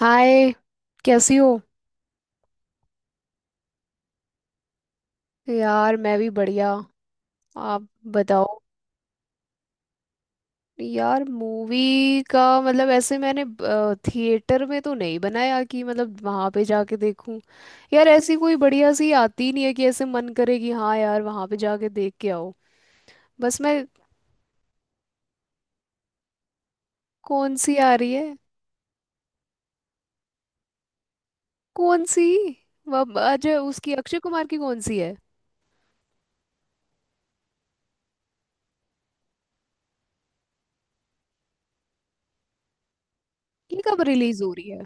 हाय। कैसी हो। यार मैं भी बढ़िया। आप बताओ। यार मूवी का मतलब ऐसे मैंने थिएटर में तो नहीं बनाया कि मतलब वहां पे जाके देखूं। यार ऐसी कोई बढ़िया सी आती नहीं है कि ऐसे मन करे कि हाँ यार वहां पे जाके देख के आओ। बस मैं। कौन सी आ रही है? कौन सी? वह अजय उसकी अक्षय कुमार की कौन सी है? ये कब रिलीज हो रही है?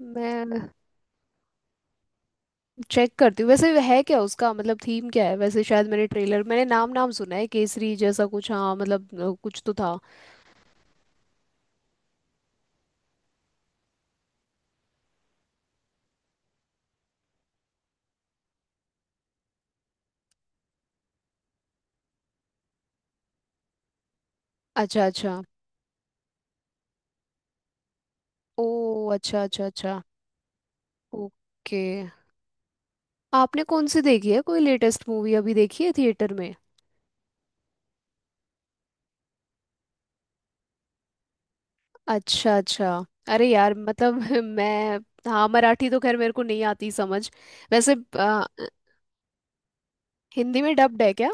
मैं चेक करती हूँ। वैसे है क्या उसका मतलब, थीम क्या है? वैसे शायद मैंने ट्रेलर, मैंने नाम नाम सुना है केसरी जैसा कुछ। हाँ मतलब कुछ तो था। अच्छा अच्छा। ओ, अच्छा अच्छा अच्छा। ओके। आपने कौन सी देखी है? कोई लेटेस्ट मूवी अभी देखी है थिएटर में? अच्छा अच्छा। अरे यार मतलब मैं। हाँ, मराठी तो खैर मेरे को नहीं आती समझ। वैसे हिंदी में डब्ड है क्या?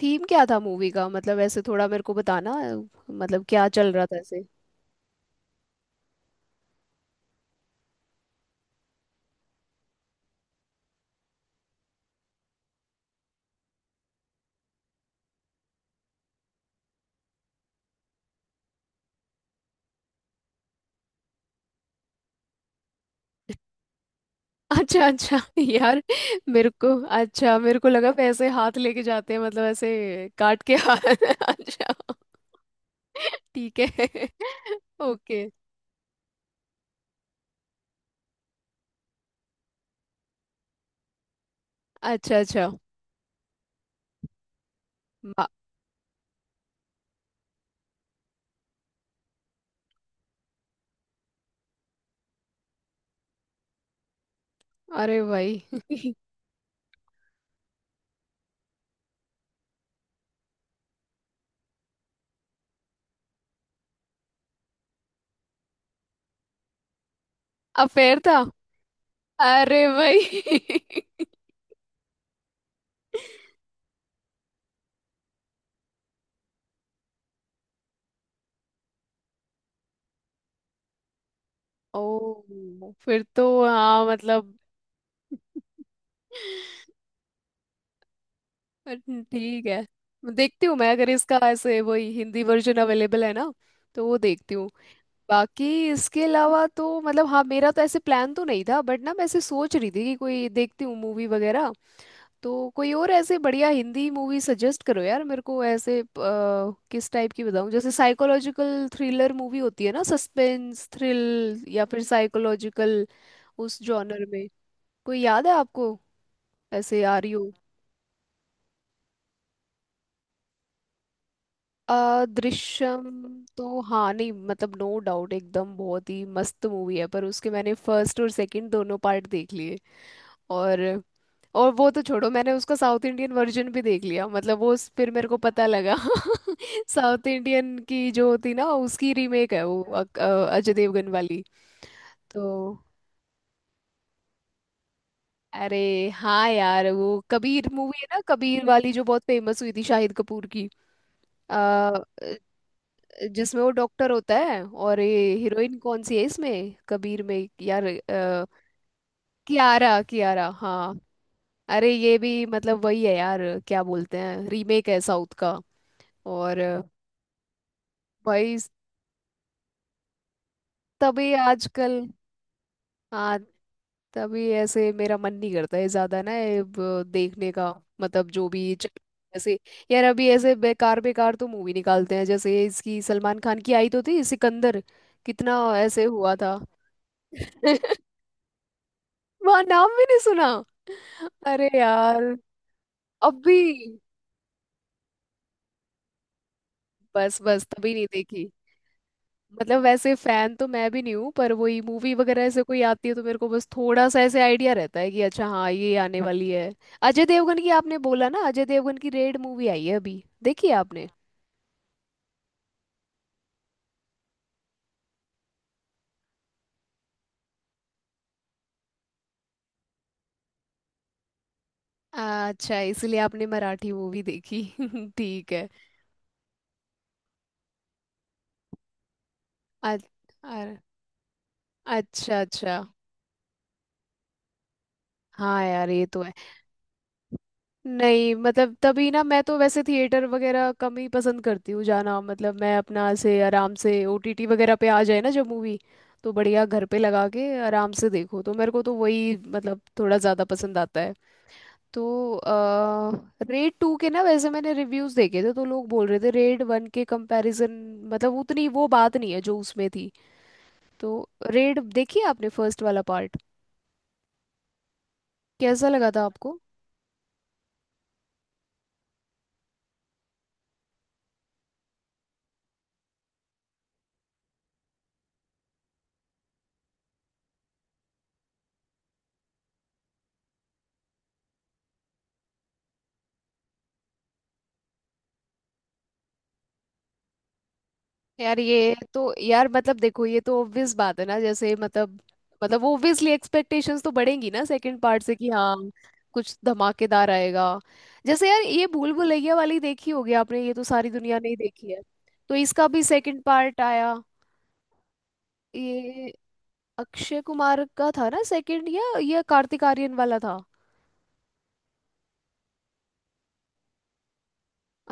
थीम क्या था मूवी का, मतलब ऐसे थोड़ा मेरे को बताना मतलब क्या चल रहा था ऐसे। अच्छा अच्छा यार। मेरे को अच्छा, मेरे को लगा पैसे हाथ लेके जाते हैं, मतलब ऐसे काट के हाथ। अच्छा। ठीक है। ओके। अच्छा अच्छा। बा- अरे भाई। अफेयर था। अरे भाई। ओ फिर तो हाँ मतलब, ठीक है। देखती हूँ मैं, अगर इसका ऐसे वही हिंदी वर्जन अवेलेबल है ना, तो वो देखती हूँ। बाकी इसके अलावा तो मतलब हाँ, मेरा तो ऐसे प्लान तो नहीं था, बट ना मैं ऐसे सोच रही थी कि कोई देखती हूँ मूवी वगैरह। तो कोई और ऐसे बढ़िया हिंदी मूवी सजेस्ट करो यार मेरे को ऐसे किस टाइप की बताऊँ, जैसे साइकोलॉजिकल थ्रिलर मूवी होती है ना, सस्पेंस थ्रिल या फिर साइकोलॉजिकल, उस जॉनर में कोई याद है आपको ऐसे आ रही हो? दृश्यम तो हाँ, नहीं मतलब नो डाउट एकदम बहुत ही मस्त मूवी है, पर उसके मैंने फर्स्ट और सेकंड दोनों पार्ट देख लिए। और वो तो छोड़ो, मैंने उसका साउथ इंडियन वर्जन भी देख लिया। मतलब वो फिर मेरे को पता लगा साउथ इंडियन की जो होती ना, उसकी रीमेक है वो अजय देवगन वाली। तो अरे हाँ यार, वो कबीर मूवी है ना, कबीर वाली जो बहुत फेमस हुई थी शाहिद कपूर की। आ, जिसमें वो डॉक्टर होता है, और ये हीरोइन कौन सी है इसमें कबीर में यार कियारा कियारा हाँ। अरे ये भी मतलब वही है यार, क्या बोलते हैं, रीमेक है साउथ का। और भाई, तभी आजकल हाँ तभी ऐसे मेरा मन नहीं करता है ज्यादा ना ये देखने का, मतलब जो भी ऐसे। यार अभी ऐसे बेकार बेकार तो मूवी निकालते हैं, जैसे इसकी सलमान खान की आई तो थी सिकंदर, कितना ऐसे हुआ था। वहां नाम भी नहीं सुना। अरे यार। अभी बस बस तभी नहीं देखी। मतलब वैसे फैन तो मैं भी नहीं हूँ, पर वही मूवी वगैरह ऐसे कोई आती है तो मेरे को बस थोड़ा सा ऐसे आइडिया रहता है कि अच्छा हाँ ये आने वाली है। अजय देवगन की आपने बोला ना, अजय देवगन की रेड मूवी आई है अभी, देखी है आपने? अच्छा इसलिए आपने मराठी मूवी देखी। ठीक है। अ- अर- अच्छा अच्छा। हाँ यार ये तो है। नहीं मतलब तभी ना मैं तो वैसे थिएटर वगैरह कम ही पसंद करती हूँ जाना, मतलब मैं अपना से आराम से ओटीटी वगैरह पे आ जाए ना जब मूवी, तो बढ़िया घर पे लगा के आराम से देखो, तो मेरे को तो वही मतलब थोड़ा ज़्यादा पसंद आता है। तो रेड टू के ना वैसे मैंने रिव्यूज़ देखे थे, तो लोग बोल रहे थे रेड वन के कंपैरिजन मतलब उतनी वो बात नहीं है जो उसमें थी। तो रेड देखिए आपने फर्स्ट वाला पार्ट, कैसा लगा था आपको? यार ये तो यार मतलब, देखो ये तो ऑब्वियस बात है ना, जैसे मतलब, मतलब वो ऑब्वियसली एक्सपेक्टेशंस तो बढ़ेंगी ना सेकंड पार्ट से कि हाँ कुछ धमाकेदार आएगा। जैसे यार ये भूल भुलैया वाली देखी होगी आपने, ये तो सारी दुनिया नहीं देखी है, तो इसका भी सेकंड पार्ट आया। ये अक्षय कुमार का था ना सेकंड, या ये कार्तिक आर्यन वाला था?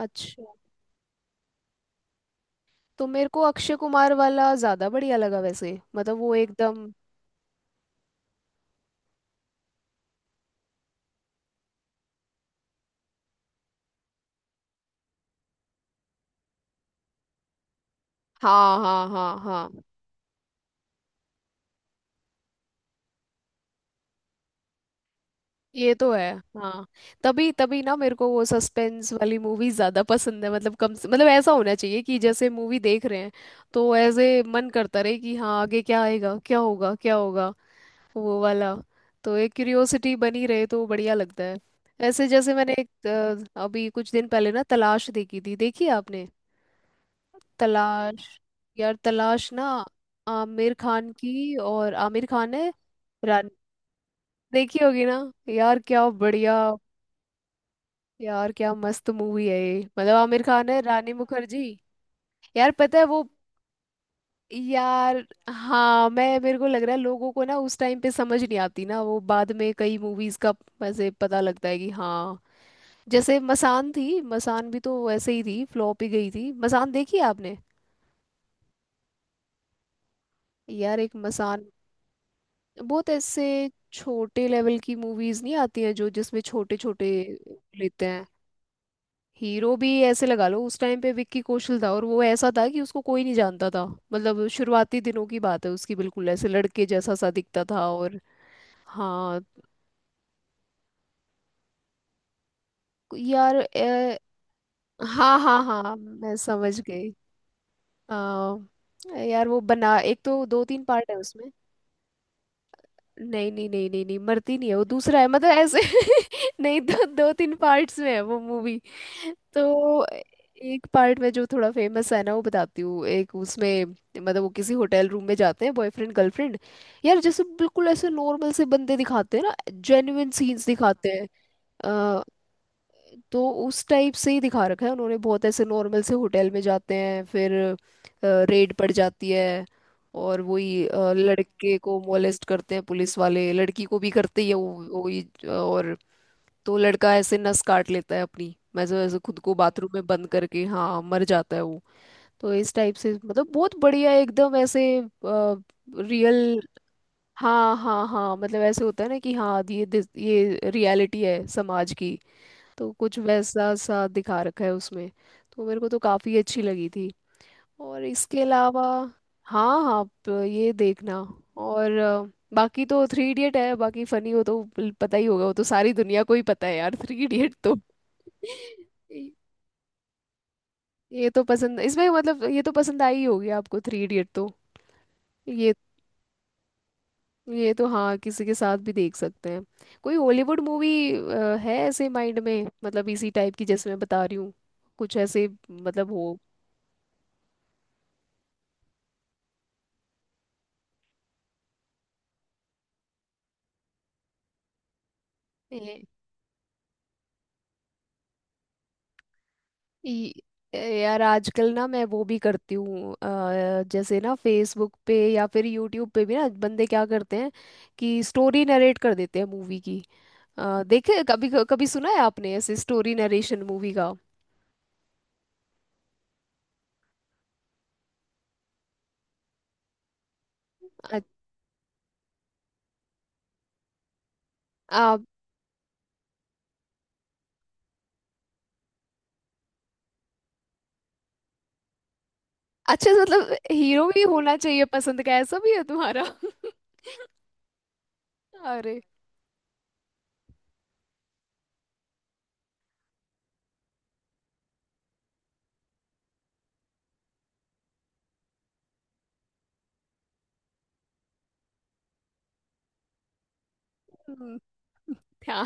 अच्छा, तो मेरे को अक्षय कुमार वाला ज्यादा बढ़िया लगा वैसे, मतलब वो एकदम। हाँ हाँ हाँ हाँ। ये तो है। हाँ। तभी तभी ना मेरे को वो सस्पेंस वाली मूवी ज्यादा पसंद है, मतलब कम से मतलब ऐसा होना चाहिए कि जैसे मूवी देख रहे हैं तो ऐसे मन करता रहे कि हाँ आगे क्या आएगा, क्या होगा क्या होगा, वो वाला, तो एक क्यूरियोसिटी बनी रहे तो बढ़िया लगता है। ऐसे जैसे मैंने एक अभी कुछ दिन पहले ना तलाश देखी थी, देखी है आपने तलाश? यार तलाश ना आमिर खान की, और आमिर खान है रान देखी होगी ना। यार क्या बढ़िया। यार क्या मस्त मूवी है ये, मतलब आमिर खान है, रानी मुखर्जी। यार पता है वो, यार हाँ मैं, मेरे को लग रहा है लोगों को ना उस टाइम पे समझ नहीं आती ना, वो बाद में कई मूवीज का ऐसे पता लगता है कि हाँ। जैसे मसान थी, मसान भी तो ऐसे ही थी, फ्लॉप ही गई थी। मसान देखी है आपने? यार एक मसान बहुत, ऐसे छोटे लेवल की मूवीज नहीं आती हैं जो जिसमें छोटे छोटे लेते हैं। हीरो भी ऐसे लगा लो उस टाइम पे विक्की कौशल था, और वो ऐसा था कि उसको कोई नहीं जानता था। मतलब शुरुआती दिनों की बात है उसकी, बिल्कुल ऐसे लड़के जैसा सा दिखता था, और हाँ। यार हाँ हाँ हाँ मैं समझ गई। आ, यार वो बना, एक तो दो तीन पार्ट है उसमें। नहीं नहीं नहीं नहीं नहीं, मरती नहीं है वो, दूसरा है मतलब ऐसे। नहीं, दो, दो तीन पार्ट्स में है वो मूवी। तो एक पार्ट में जो थोड़ा फेमस है ना वो बताती हूँ, एक उसमें, मतलब वो किसी होटल रूम में जाते हैं बॉयफ्रेंड गर्लफ्रेंड। यार जैसे बिल्कुल ऐसे नॉर्मल से बंदे दिखाते हैं ना, जेन्युइन सीन्स दिखाते हैं। तो उस टाइप से ही दिखा रखा है उन्होंने, बहुत ऐसे नॉर्मल से होटल में जाते हैं, फिर रेड पड़ जाती है। और वही लड़के को मोलेस्ट करते हैं पुलिस वाले, लड़की को भी करते ही है वही और तो लड़का ऐसे नस काट लेता है अपनी, मैं जो ऐसे खुद को बाथरूम में बंद करके हाँ मर जाता है वो। तो इस टाइप से, मतलब बहुत बढ़िया एकदम ऐसे रियल। हाँ हाँ हाँ, मतलब ऐसे होता है ना कि हाँ ये ये रियलिटी है समाज की, तो कुछ वैसा सा दिखा रखा है उसमें। तो मेरे को तो काफ़ी अच्छी लगी थी। और इसके अलावा हाँ हाँ, आप ये देखना। और बाकी तो थ्री इडियट है, बाकी फनी हो तो पता ही होगा, वो तो सारी दुनिया को ही पता है यार थ्री इडियट तो। ये तो पसंद, इसमें मतलब ये तो पसंद आई होगी आपको थ्री इडियट तो। ये ये तो हाँ किसी के साथ भी देख सकते हैं। कोई हॉलीवुड मूवी है ऐसे माइंड में, मतलब इसी टाइप की जैसे मैं बता रही हूँ, कुछ ऐसे मतलब हो? ये- यार आजकल ना मैं वो भी करती हूँ, जैसे ना फेसबुक पे या फिर यूट्यूब पे भी ना बंदे क्या करते हैं कि स्टोरी नरेट कर देते हैं मूवी की। देखे कभी कभी, सुना है आपने ऐसे स्टोरी नरेशन मूवी का? अ- आ, अच्छा, मतलब हीरो भी होना चाहिए पसंद का? ऐसा भी है तुम्हारा। अरे हम्म। क्या।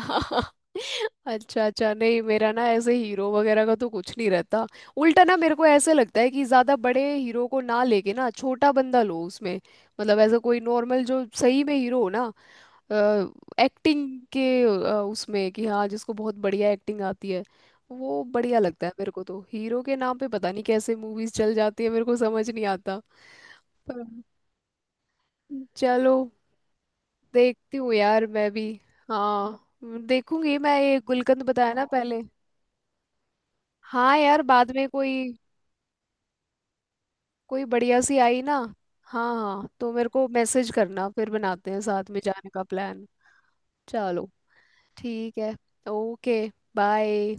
अच्छा अच्छा, नहीं मेरा ना ऐसे हीरो वगैरह का तो कुछ नहीं रहता। उल्टा ना मेरे को ऐसे लगता है कि ज्यादा बड़े हीरो को ना लेके ना छोटा बंदा लो उसमें। मतलब ऐसा कोई नॉर्मल जो सही में हीरो हो ना एक्टिंग के उसमें, कि हाँ जिसको बहुत बढ़िया एक्टिंग आती है, वो बढ़िया लगता है मेरे को तो। हीरो के नाम पे पता नहीं कैसे मूवीज चल जाती है, मेरे को समझ नहीं आता। पर चलो, देखती हूँ यार मैं भी। हाँ देखूंगी मैं ये गुलकंद बताया ना पहले। हाँ यार बाद में कोई, कोई बढ़िया सी आई ना, हाँ हाँ तो मेरे को मैसेज करना, फिर बनाते हैं साथ में जाने का प्लान। चलो ठीक है। Okay bye.